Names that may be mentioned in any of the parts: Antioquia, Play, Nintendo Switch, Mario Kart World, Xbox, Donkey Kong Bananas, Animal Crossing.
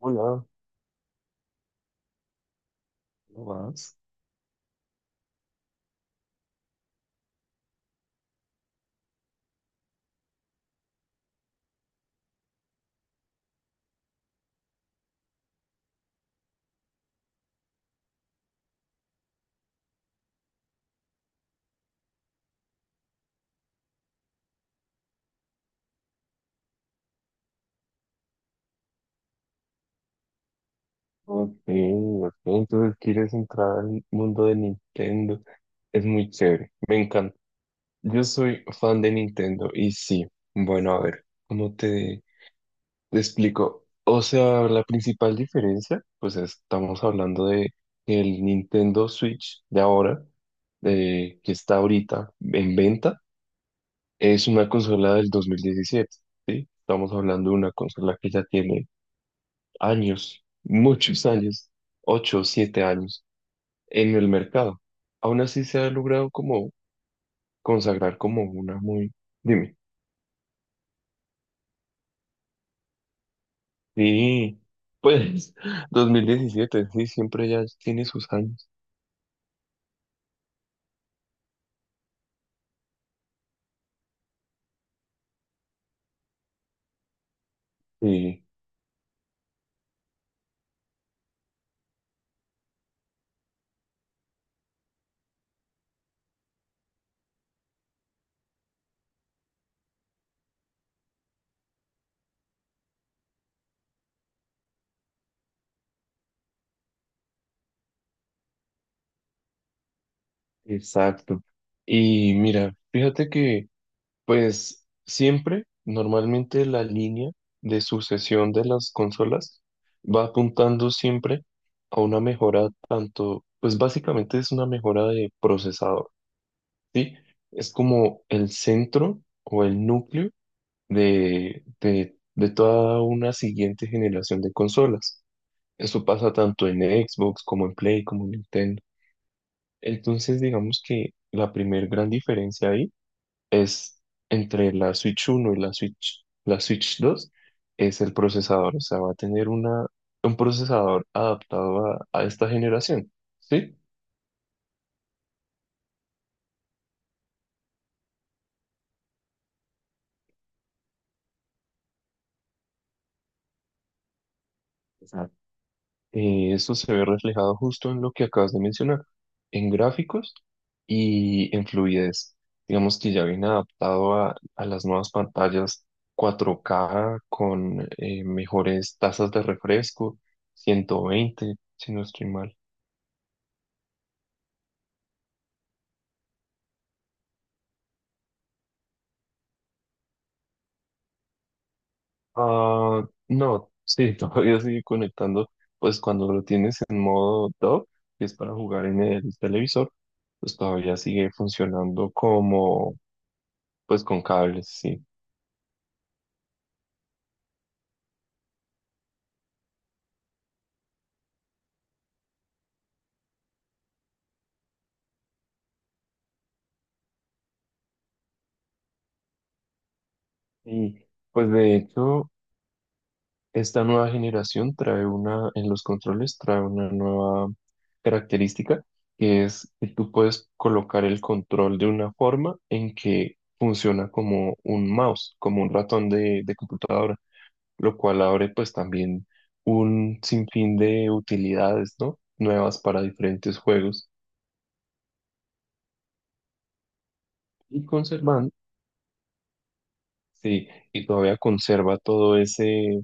Hola, ¿cómo vas? Ok, ok, entonces quieres entrar al mundo de Nintendo. Es muy chévere, me encanta. Yo soy fan de Nintendo y sí, bueno, a ver, ¿cómo te explico? O sea, la principal diferencia, pues estamos hablando de que el Nintendo Switch de ahora, que está ahorita en venta, es una consola del 2017, ¿sí? Estamos hablando de una consola que ya tiene años, muchos años, 8 o 7 años en el mercado. Aún así se ha logrado como consagrar como una muy… Dime. Sí, pues 2017 sí, siempre ya tiene sus años. Sí, exacto. Y mira, fíjate que pues siempre, normalmente la línea de sucesión de las consolas va apuntando siempre a una mejora tanto, pues básicamente es una mejora de procesador. ¿Sí? Es como el centro o el núcleo de toda una siguiente generación de consolas. Eso pasa tanto en Xbox como en Play, como en Nintendo. Entonces, digamos que la primer gran diferencia ahí es entre la Switch uno y la Switch dos es el procesador. O sea, va a tener un procesador adaptado a esta generación, ¿sí? Esto se ve reflejado justo en lo que acabas de mencionar, en gráficos y en fluidez. Digamos que ya viene adaptado a las nuevas pantallas 4K con mejores tasas de refresco, 120, si no estoy mal. Ah, no, sí, todavía sigue conectando, pues cuando lo tienes en modo dock, que es para jugar en el televisor, pues todavía sigue funcionando como, pues con cables, sí. Y pues de hecho, esta nueva generación trae una, en los controles, trae una nueva característica que es que tú puedes colocar el control de una forma en que funciona como un mouse, como un ratón de computadora, lo cual abre pues también un sinfín de utilidades, ¿no? Nuevas para diferentes juegos y conservan, sí, y todavía conserva todo ese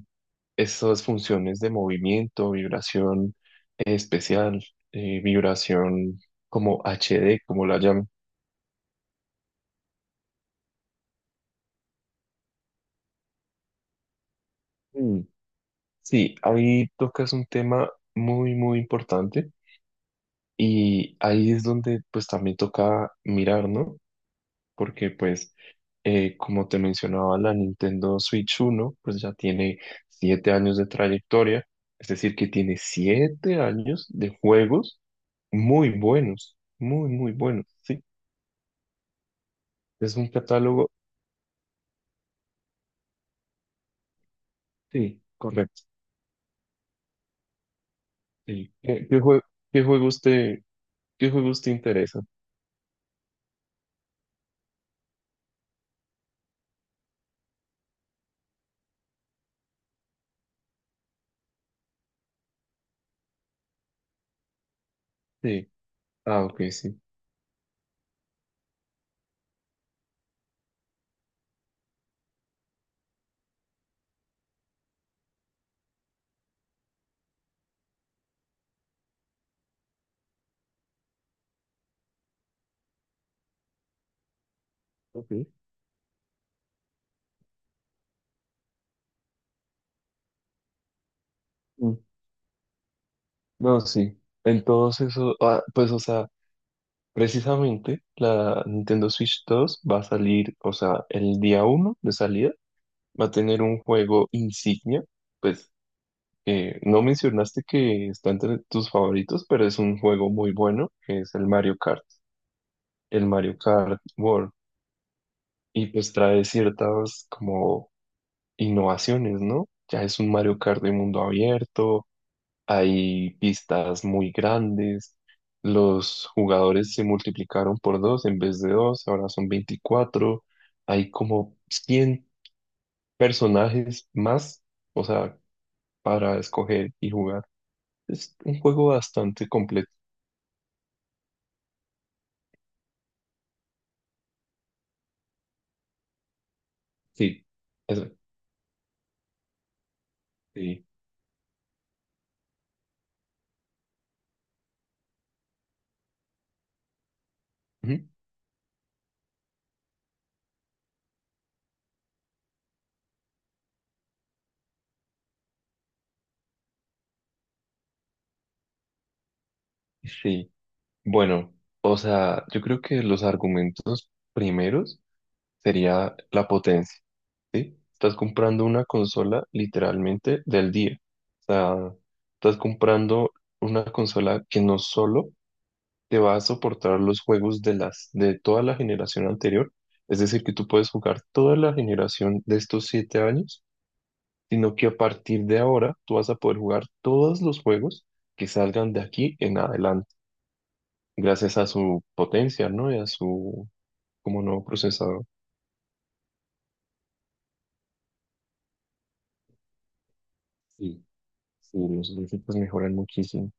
estas funciones de movimiento, vibración especial, vibración como HD, como la llaman. Mm. Sí, ahí tocas un tema muy, muy importante y ahí es donde pues también toca mirar, ¿no? Porque pues, como te mencionaba, la Nintendo Switch uno pues ya tiene 7 años de trayectoria, es decir, que tiene 7 años de juegos muy buenos, muy, muy buenos, sí. Es un catálogo. Sí, correcto. Sí. Qué juegos te, Qué juegos te interesan? Sí, ah, ok, sí. Ok. Mm, no, sí. Entonces, eso, ah, pues, o sea, precisamente la Nintendo Switch dos va a salir, o sea, el día uno de salida va a tener un juego insignia. Pues, no mencionaste que está entre tus favoritos, pero es un juego muy bueno, que es el Mario Kart World. Y pues trae ciertas como innovaciones, ¿no? Ya es un Mario Kart de mundo abierto, hay pistas muy grandes, los jugadores se multiplicaron por dos en vez de dos, ahora son 24, hay como 100 personajes más, o sea, para escoger y jugar. Es un juego bastante completo. Sí, eso, sí. Ujú. Sí, bueno, o sea, yo creo que los argumentos primeros sería la potencia. ¿Sí? Estás comprando una consola literalmente del día. O sea, estás comprando una consola que no solo te va a soportar los juegos de de toda la generación anterior, es decir, que tú puedes jugar toda la generación de estos 7 años, sino que a partir de ahora tú vas a poder jugar todos los juegos que salgan de aquí en adelante, gracias a su potencia, ¿no? Y a su como nuevo procesador. Sí. Sí, los gráficos mejoran muchísimo.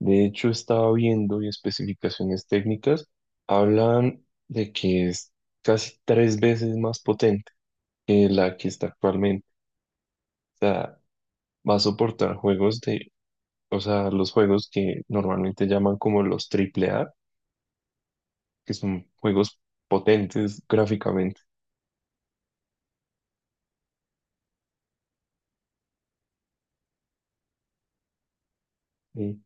De hecho, estaba viendo y especificaciones técnicas hablan de que es casi tres veces más potente que la que está actualmente. O sea, va a soportar juegos de, o sea, los juegos que normalmente llaman como los triple A, que son juegos potentes gráficamente. Y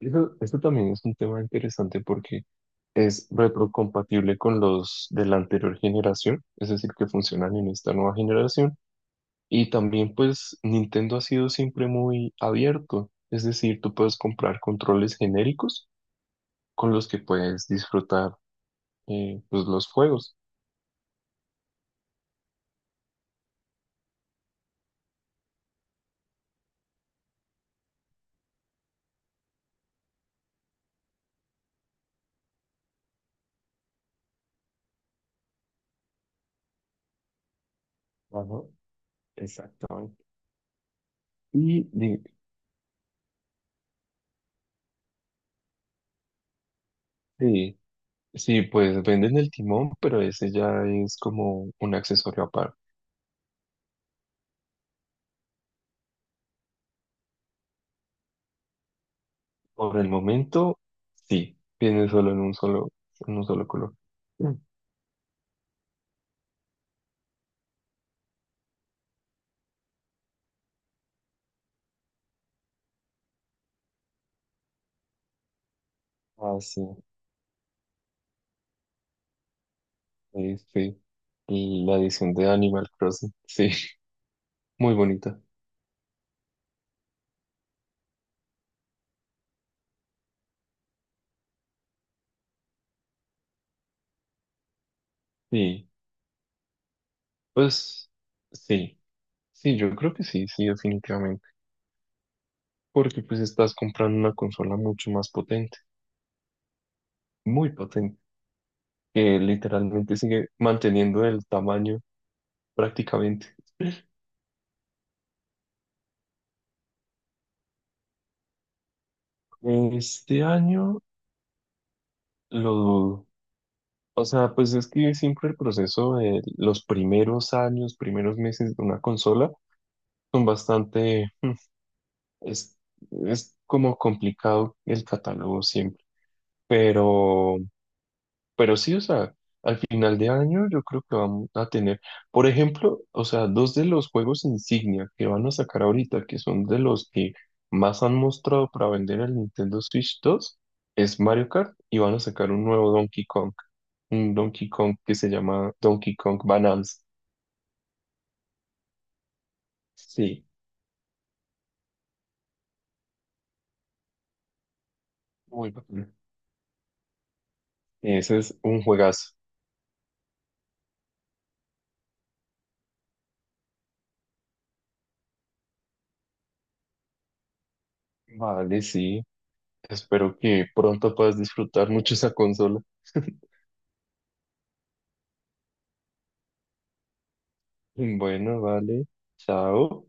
eso también es un tema interesante porque es retrocompatible con los de la anterior generación, es decir, que funcionan en esta nueva generación. Y también pues Nintendo ha sido siempre muy abierto, es decir, tú puedes comprar controles genéricos con los que puedes disfrutar pues los juegos. Ajá, exactamente. Y di- sí, sí, pues venden el timón, pero ese ya es como un accesorio aparte. Por el momento, sí, viene solo en un solo color. Mm. Ah, sí, sí sí. La edición de Animal Crossing, sí, muy bonita. Sí. Pues sí, sí, yo creo que sí, sí, definitivamente. Porque pues estás comprando una consola mucho más potente, muy potente, que literalmente sigue manteniendo el tamaño prácticamente. Este año lo dudo. O sea, pues es que siempre el proceso de los primeros años, primeros meses de una consola son bastante, es, es como complicado el catálogo siempre. Pero… Pero sí, o sea, al final de año yo creo que vamos a tener, por ejemplo, o sea, dos de los juegos insignia que van a sacar ahorita, que son de los que más han mostrado para vender el Nintendo Switch dos es Mario Kart y van a sacar un nuevo Donkey Kong, un Donkey Kong que se llama Donkey Kong Bananas. Sí, muy bacán. Ese es un juegazo. Vale, sí. Espero que pronto puedas disfrutar mucho esa consola. Bueno, vale. Chao.